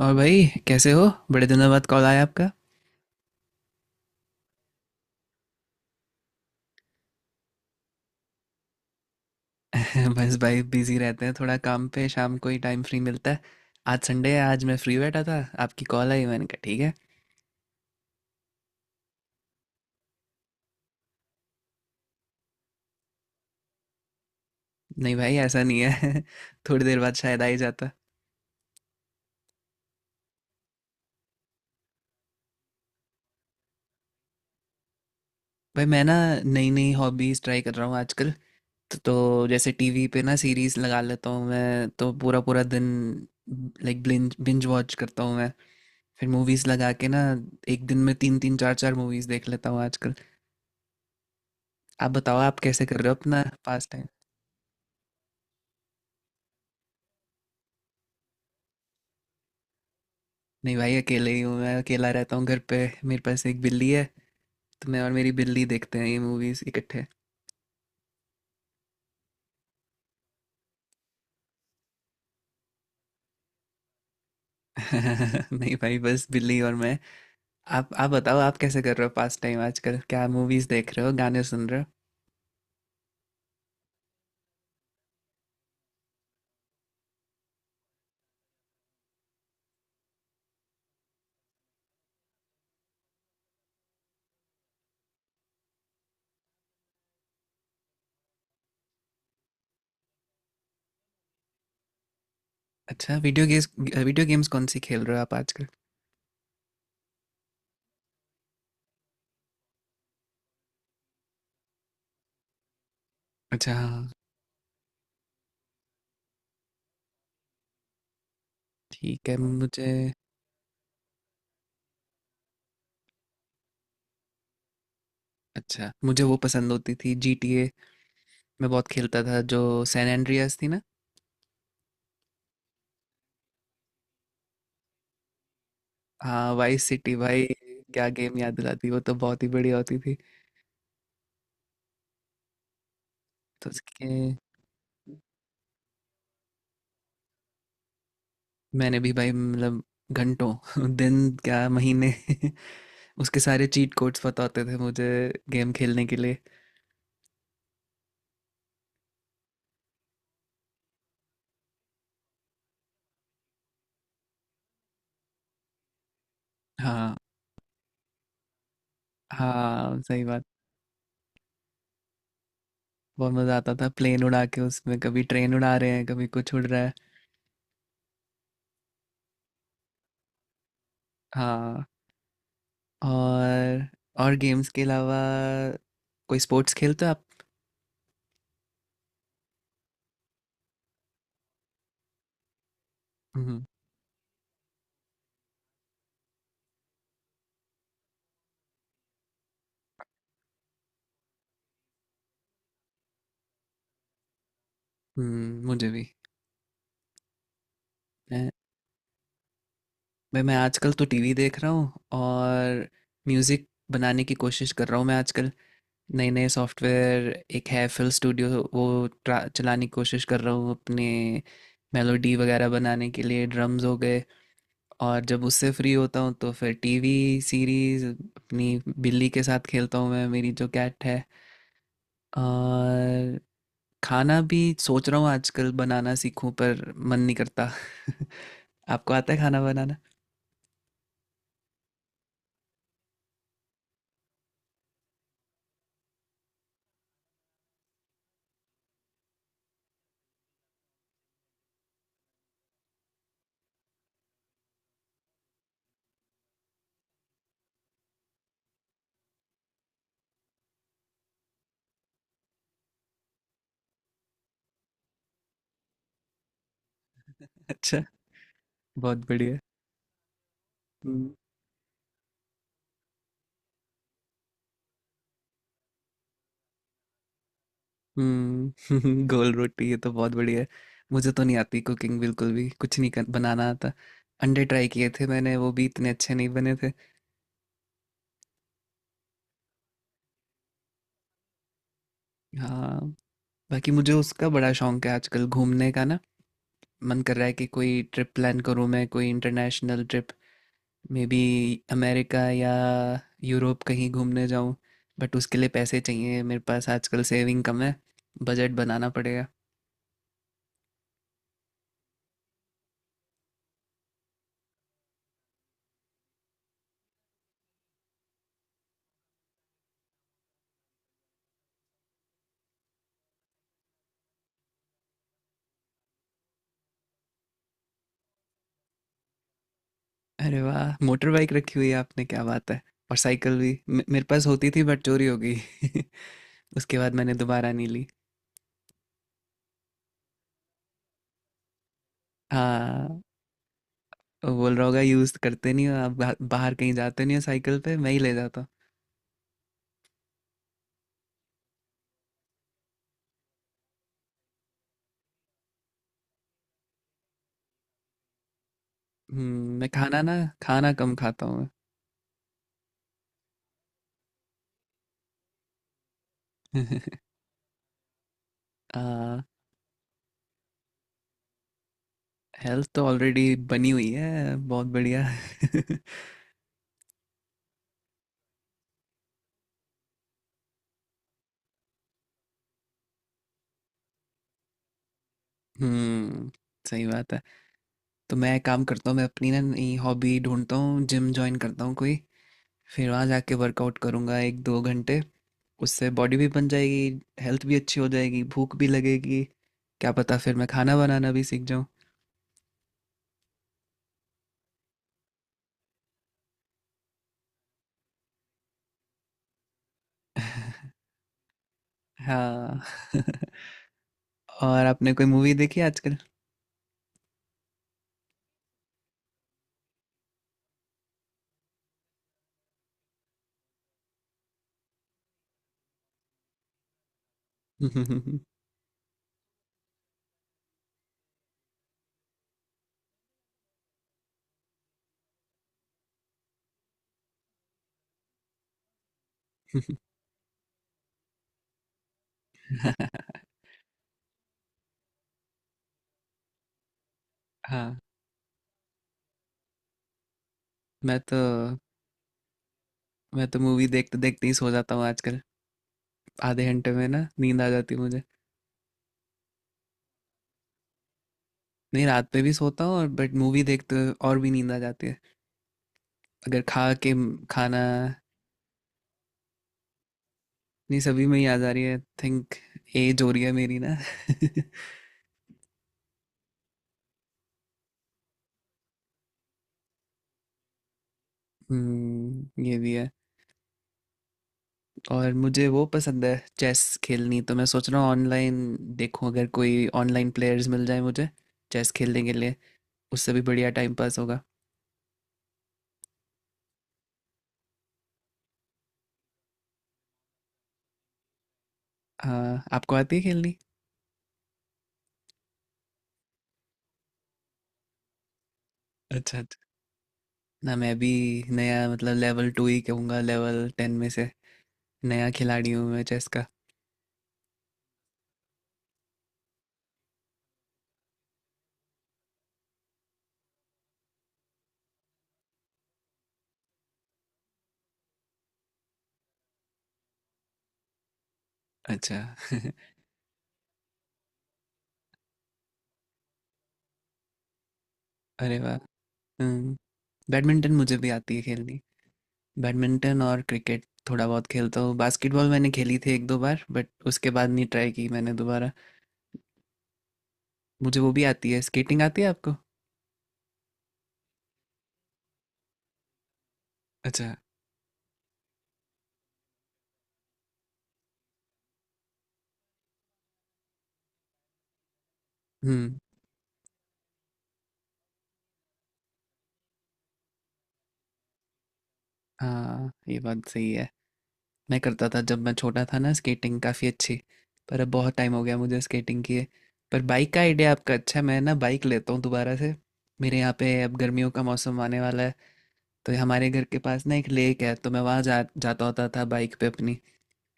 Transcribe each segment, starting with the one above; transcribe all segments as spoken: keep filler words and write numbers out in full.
और भाई कैसे हो। बड़े दिनों बाद कॉल आया आपका। बस भाई बिजी रहते हैं थोड़ा काम पे, शाम को ही टाइम फ्री मिलता है। आज संडे है, आज मैं फ्री बैठा था। आपकी कॉल आई, मैंने कहा ठीक है। नहीं भाई ऐसा नहीं है। थोड़ी देर बाद शायद आ ही जाता। भाई मैं ना, नई नई हॉबीज ट्राई कर रहा हूँ आजकल। तो, तो जैसे टीवी पे ना सीरीज लगा लेता हूँ मैं, तो पूरा पूरा दिन लाइक बिंज बिंज वॉच करता हूँ मैं। फिर मूवीज लगा के ना, एक दिन में तीन तीन चार चार मूवीज देख लेता हूँ आजकल। आप बताओ, आप कैसे कर रहे हो अपना पास। नहीं भाई अकेले ही हूँ, मैं अकेला रहता हूँ घर पे। मेरे पास एक बिल्ली है, तो मैं और मेरी बिल्ली देखते हैं ये मूवीज इकट्ठे। नहीं भाई, बस बिल्ली और मैं। आप आप बताओ, आप कैसे कर रहे हो पास टाइम आजकल? क्या मूवीज देख रहे हो, गाने सुन रहे हो? अच्छा, वीडियो गेम्स। वीडियो गेम्स कौन सी खेल रहे हो आप आजकल? अच्छा हाँ। ठीक है मुझे। अच्छा, मुझे वो पसंद होती थी जी टी ए। मैं बहुत खेलता था। जो सैन एंड्रियास थी ना। हाँ वाइस सिटी भाई। क्या गेम याद दिलाती, वो तो बहुत ही बढ़िया होती थी। तो उसके मैंने भी भाई, मतलब घंटों दिन क्या महीने उसके सारे चीट कोड्स पता होते थे मुझे गेम खेलने के लिए। हाँ हाँ सही बात। बहुत मज़ा आता था प्लेन उड़ा के, उसमें कभी ट्रेन उड़ा रहे हैं, कभी कुछ उड़ रहा है। हाँ। और और गेम्स के अलावा कोई स्पोर्ट्स खेलते हो आप? हम्म। हम्म, मुझे भी। मैं भाई, मैं आजकल तो टीवी देख रहा हूँ, और म्यूज़िक बनाने की कोशिश कर रहा हूँ मैं आजकल। नए नए सॉफ्टवेयर, एक है फिल स्टूडियो, वो ट्रा- चलाने की कोशिश कर रहा हूँ अपने, मेलोडी वगैरह बनाने के लिए, ड्रम्स हो गए। और जब उससे फ्री होता हूँ तो फिर टीवी सीरीज, अपनी बिल्ली के साथ खेलता हूँ मैं, मेरी जो कैट है। और खाना भी सोच रहा हूँ आजकल बनाना सीखूं, पर मन नहीं करता। आपको आता है खाना बनाना? अच्छा, बहुत बढ़िया। हम्म गोल रोटी, ये तो बहुत बढ़िया है। मुझे तो नहीं आती कुकिंग, बिल्कुल भी कुछ नहीं कर, बनाना आता। अंडे ट्राई किए थे मैंने, वो भी इतने अच्छे नहीं बने थे। हाँ। बाकी मुझे उसका बड़ा शौक है आजकल घूमने का ना। मन कर रहा है कि कोई ट्रिप प्लान करूँ मैं, कोई international trip, maybe America या यूरोप कहीं घूमने जाऊँ। बट उसके लिए पैसे चाहिए, मेरे पास आजकल सेविंग कम है, बजट बनाना पड़ेगा। अरे वाह! मोटर बाइक रखी हुई है आपने, क्या बात है! और साइकिल भी मे मेरे पास होती थी, बट चोरी हो गई। उसके बाद मैंने दोबारा नहीं ली। हाँ, वो बोल रहा होगा यूज़ करते नहीं हो आप, बा बाहर कहीं जाते नहीं हो साइकिल पे, मैं ही ले जाता हूँ। हुँ, मैं खाना ना, खाना कम खाता हूँ मैं। अ, हेल्थ तो ऑलरेडी बनी हुई है, बहुत बढ़िया। हुँ, सही बात है। तो मैं काम करता हूँ, मैं अपनी ना नई हॉबी ढूँढता हूँ, जिम जॉइन करता हूँ कोई। फिर वहाँ जाके वर्कआउट करूँगा एक दो घंटे, उससे बॉडी भी बन जाएगी, हेल्थ भी अच्छी हो जाएगी, भूख भी लगेगी। क्या पता फिर मैं खाना बनाना भी सीख जाऊँ। हाँ। और आपने कोई मूवी देखी है आजकल? हाँ। मैं तो मैं तो मूवी देखते देखते ही सो जाता हूँ आजकल, आधे घंटे में ना नींद आ जाती है मुझे। नहीं, रात पे भी सोता हूँ और, बट मूवी देखते हुए और भी नींद आ जाती है अगर खा के खाना। नहीं सभी में ही याद आ रही है, थिंक एज हो रही है मेरी ना। हम्म, ये भी है। और मुझे वो पसंद है चेस खेलनी, तो मैं सोच रहा हूँ ऑनलाइन देखूँ, अगर कोई ऑनलाइन प्लेयर्स मिल जाए मुझे चेस खेलने के लिए, उससे भी बढ़िया टाइम पास होगा। हाँ, आपको आती है खेलनी? अच्छा अच्छा। ना, मैं भी नया, मतलब लेवल टू ही कहूँगा लेवल टेन में से, नया खिलाड़ी हूँ मैं चेस का। अच्छा। अरे वाह। हम्म। बैडमिंटन मुझे भी आती है खेलनी, बैडमिंटन और क्रिकेट थोड़ा बहुत खेलता हूँ। बास्केटबॉल मैंने खेली थी एक दो बार, बट उसके बाद नहीं ट्राई की मैंने दोबारा। मुझे वो भी आती है, स्केटिंग आती है आपको? अच्छा। हम्म। हाँ ये बात सही है। मैं करता था जब मैं छोटा था ना स्केटिंग काफ़ी अच्छी, पर अब बहुत टाइम हो गया मुझे स्केटिंग किए। पर बाइक का आइडिया आपका अच्छा है, मैं ना बाइक लेता हूँ दोबारा से। मेरे यहाँ पे अब गर्मियों का मौसम आने वाला है, तो हमारे घर के पास ना एक लेक है, तो मैं वहाँ जा जाता होता था बाइक पे अपनी,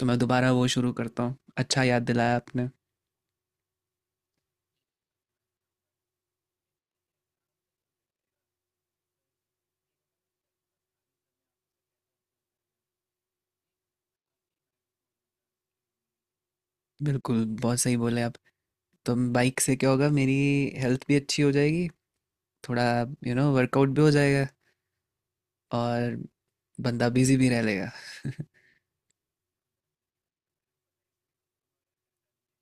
तो मैं दोबारा वो शुरू करता हूँ। अच्छा याद दिलाया आपने। बिल्कुल, बहुत सही बोले आप। तो बाइक से क्या होगा, मेरी हेल्थ भी अच्छी हो जाएगी, थोड़ा यू नो वर्कआउट भी हो जाएगा, और बंदा बिजी भी रह लेगा।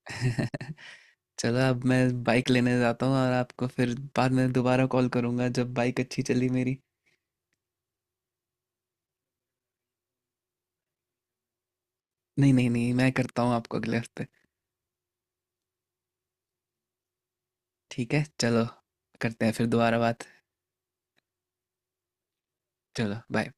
चलो अब मैं बाइक लेने जाता हूँ, और आपको फिर बाद में दोबारा कॉल करूँगा जब बाइक अच्छी चली मेरी। नहीं नहीं नहीं मैं करता हूँ आपको अगले हफ्ते। ठीक है चलो, करते हैं फिर दोबारा बात। चलो बाय।